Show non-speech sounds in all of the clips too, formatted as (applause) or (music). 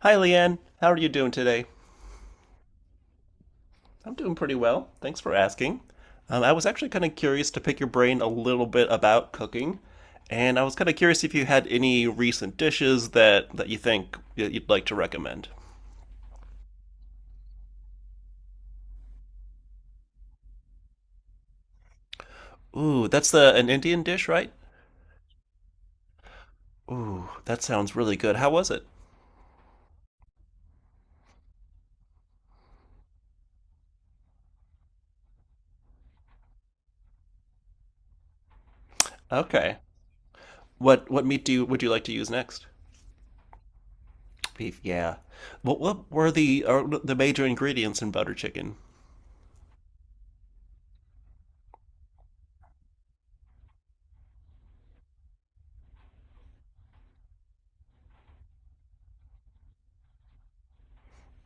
Hi, Leanne. How are you doing today? I'm doing pretty well. Thanks for asking. I was actually kind of curious to pick your brain a little bit about cooking, and I was kind of curious if you had any recent dishes that you think you'd like to recommend. Ooh, that's the an Indian dish, right? Ooh, that sounds really good. How was it? Okay. What meat do you would you like to use next? Beef, yeah. What were the are the major ingredients in butter chicken?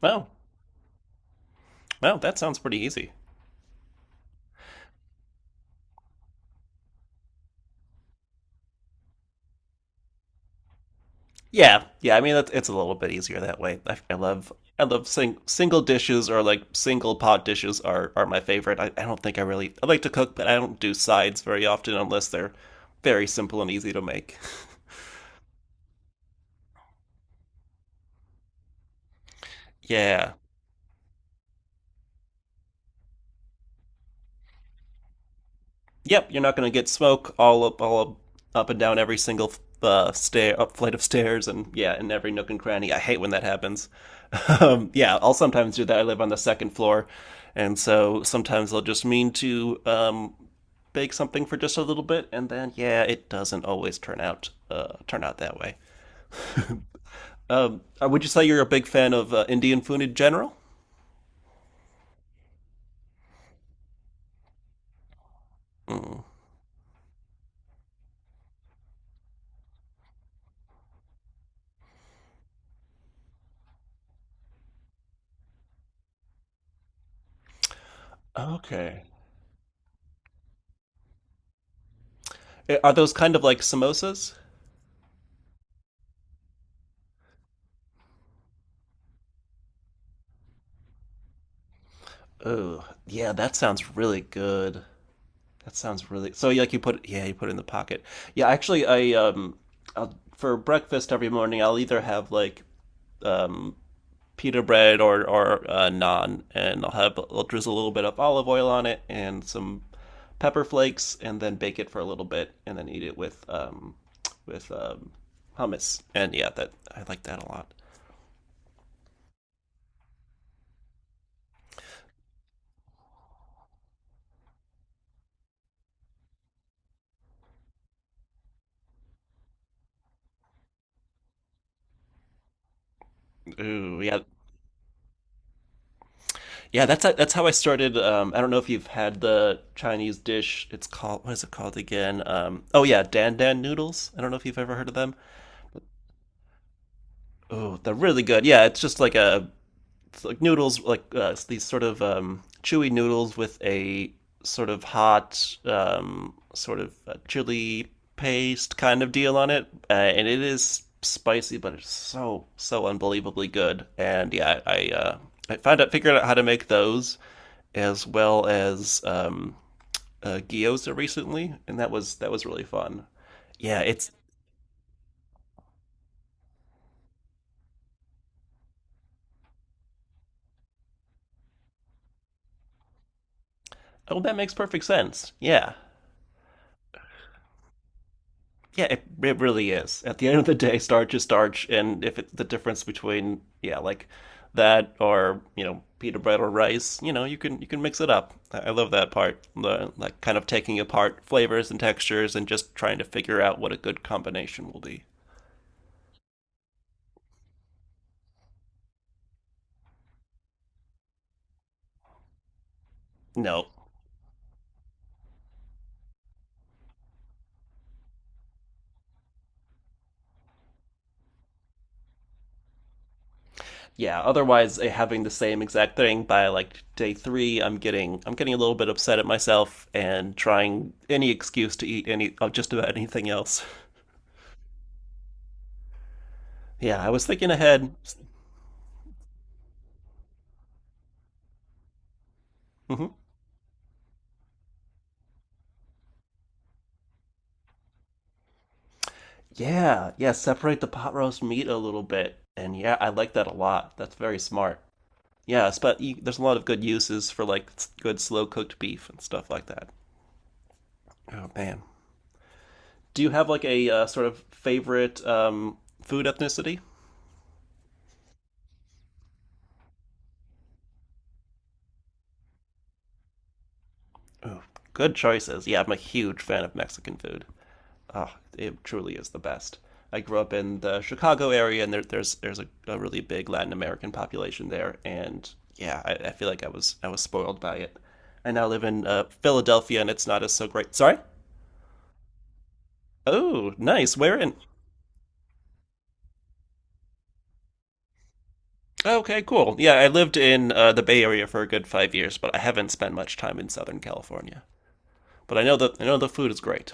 Well, well, that sounds pretty easy. Yeah, yeah. I mean, it's a little bit easier that way. I love, I love single dishes, or like single pot dishes are my favorite. I don't think I like to cook, but I don't do sides very often unless they're very simple and easy to make. (laughs) Yeah. Yep. You're not going to get smoke all up, up and down every single stair, up flight of stairs, and yeah, in every nook and cranny. I hate when that happens. (laughs) Yeah, I'll sometimes do that. I live on the second floor, and so sometimes I'll just mean to bake something for just a little bit, and then yeah, it doesn't always turn out that way. Would you say you're a big fan of Indian food in general? Mm. Okay. Are those kind of like samosas? Oh, yeah, that sounds really good. That sounds really so. Like you put, yeah, you put it in the pocket. Yeah, actually, I'll, for breakfast every morning, I'll either have like um pita bread or naan, and I'll drizzle a little bit of olive oil on it and some pepper flakes, and then bake it for a little bit, and then eat it with with um hummus. And yeah, that I like that a lot. Ooh, yeah, yeah. That's how I started. I don't know if you've had the Chinese dish. It's called, what is it called again? Oh yeah, dan dan noodles. I don't know if you've ever heard of them. Oh, they're really good. Yeah, it's just like a like noodles, like these sort of chewy noodles with a sort of hot, sort of chili paste kind of deal on it, and it is spicy, but it's so so unbelievably good. And I found out figured out how to make those, as well as gyoza recently, and that was really fun. Yeah, it's Oh, that makes perfect sense. Yeah, yeah, it really is. At the end of the day, starch is starch, and if it's the difference between, yeah, like that or, you know, pita bread or rice, you know, you can mix it up. I love that part, the like kind of taking apart flavors and textures and just trying to figure out what a good combination will be. No, yeah. Otherwise, eh, having the same exact thing by like day three, I'm getting a little bit upset at myself and trying any excuse to eat any of just about anything else. Yeah, I was thinking ahead. Mhm. Yeah, yeah, separate the pot roast meat a little bit. And yeah, I like that a lot. That's very smart. Yeah, there's a lot of good uses for like good slow cooked beef and stuff like that. Oh man. Do you have like a sort of favorite food ethnicity? Oh, good choices. Yeah, I'm a huge fan of Mexican food. Oh, it truly is the best. I grew up in the Chicago area, and there's a really big Latin American population there, and yeah, I feel like I was spoiled by it. I now live in Philadelphia, and it's not as so great. Sorry. Oh, nice. Where in? Okay, cool. Yeah, I lived in the Bay Area for a good 5 years, but I haven't spent much time in Southern California. But I know the food is great.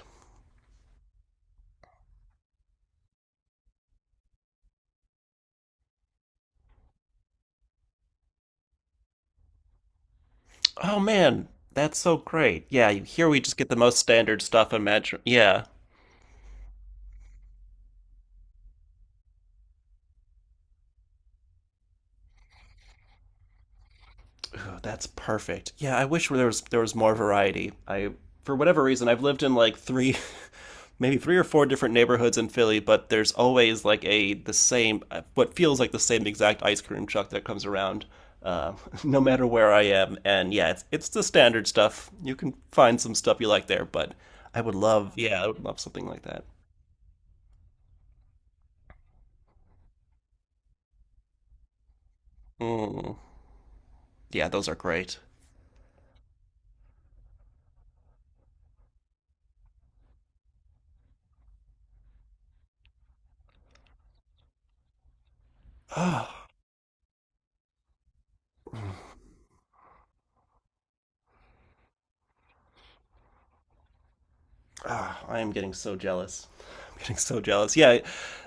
Oh man, that's so great. Here we just get the most standard stuff. Imagine. Yeah. Oh, that's perfect. Yeah, I wish there was more variety. I for whatever reason I've lived in like three (laughs) maybe three or four different neighborhoods in Philly, but there's always like a the same what feels like the same exact ice cream truck that comes around uh, (laughs) no matter where I am. And yeah, it's the standard stuff. You can find some stuff you like there, but I would love, yeah, I would love something like that. Mm, yeah, those are great. Oh, ah, I am getting so jealous. I'm getting so jealous. Yeah,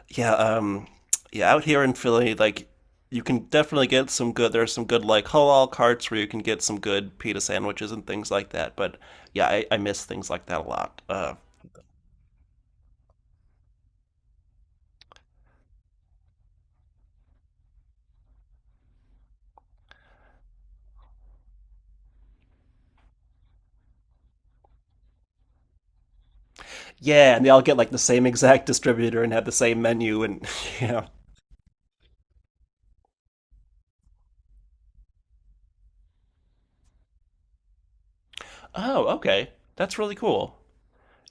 yeah, um, yeah. Out here in Philly, like you can definitely get some good. There's some good like halal carts where you can get some good pita sandwiches and things like that. But yeah, I miss things like that a lot. Yeah, and they all get like the same exact distributor and have the same menu and (laughs) yeah. Oh, okay, that's really cool.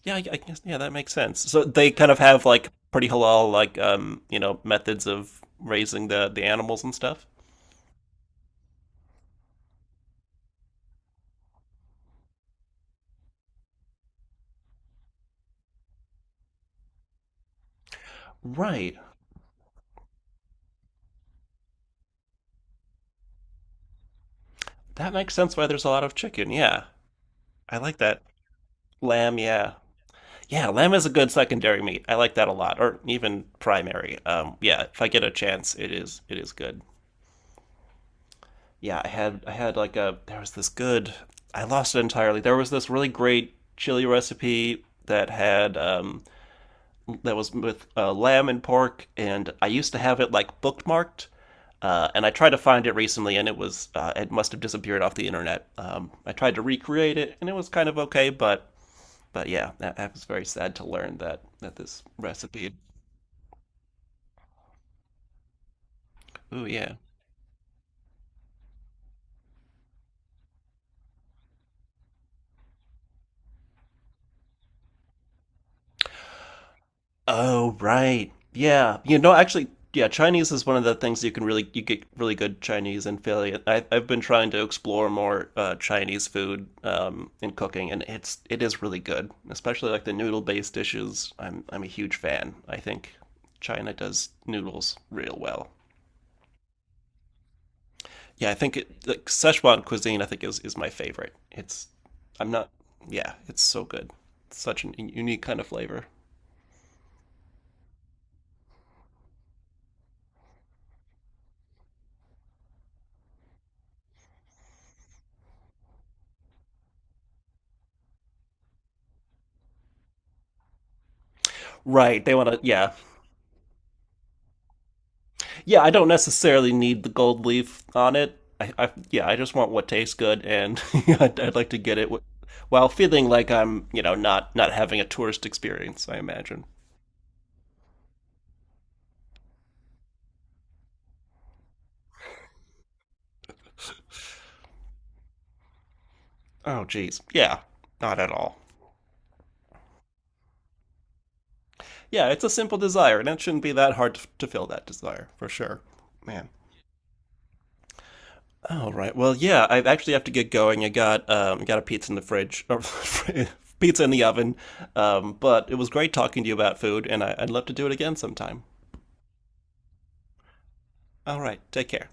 Yeah, I guess yeah, that makes sense. So they kind of have like pretty halal like you know methods of raising the animals and stuff. Right. That makes sense why there's a lot of chicken. Yeah. I like that. Lamb, yeah. Yeah, lamb is a good secondary meat. I like that a lot, or even primary. Yeah, if I get a chance, it is good. Yeah, I had like a there was this good I lost it entirely. There was this really great chili recipe that had that was with lamb and pork, and I used to have it like bookmarked, and I tried to find it recently, and it was it must have disappeared off the internet. I tried to recreate it, and it was kind of okay, but yeah, that was very sad to learn that this recipe. Oh yeah. Oh, right. Yeah. You know, actually, yeah, Chinese is one of the things you can really you get really good Chinese in Philly. I've been trying to explore more Chinese food in cooking, and it is really good, especially like the noodle-based dishes. I'm a huge fan. I think China does noodles real well. Yeah, I think it, like Szechuan cuisine I think is my favorite. It's I'm not Yeah, it's so good. Such an unique kind of flavor. Right. They want to, yeah. Yeah, I don't necessarily need the gold leaf on it. I yeah, I just want what tastes good, and (laughs) I'd like to get it while feeling like I'm, you know, not having a tourist experience. I imagine. Oh, geez, yeah, not at all. Yeah, it's a simple desire, and it shouldn't be that hard to fill that desire for sure. Man. All right. Well, yeah, I actually have to get going. I got a pizza in the fridge, or (laughs) pizza in the oven. But it was great talking to you about food, and I'd love to do it again sometime. All right. Take care.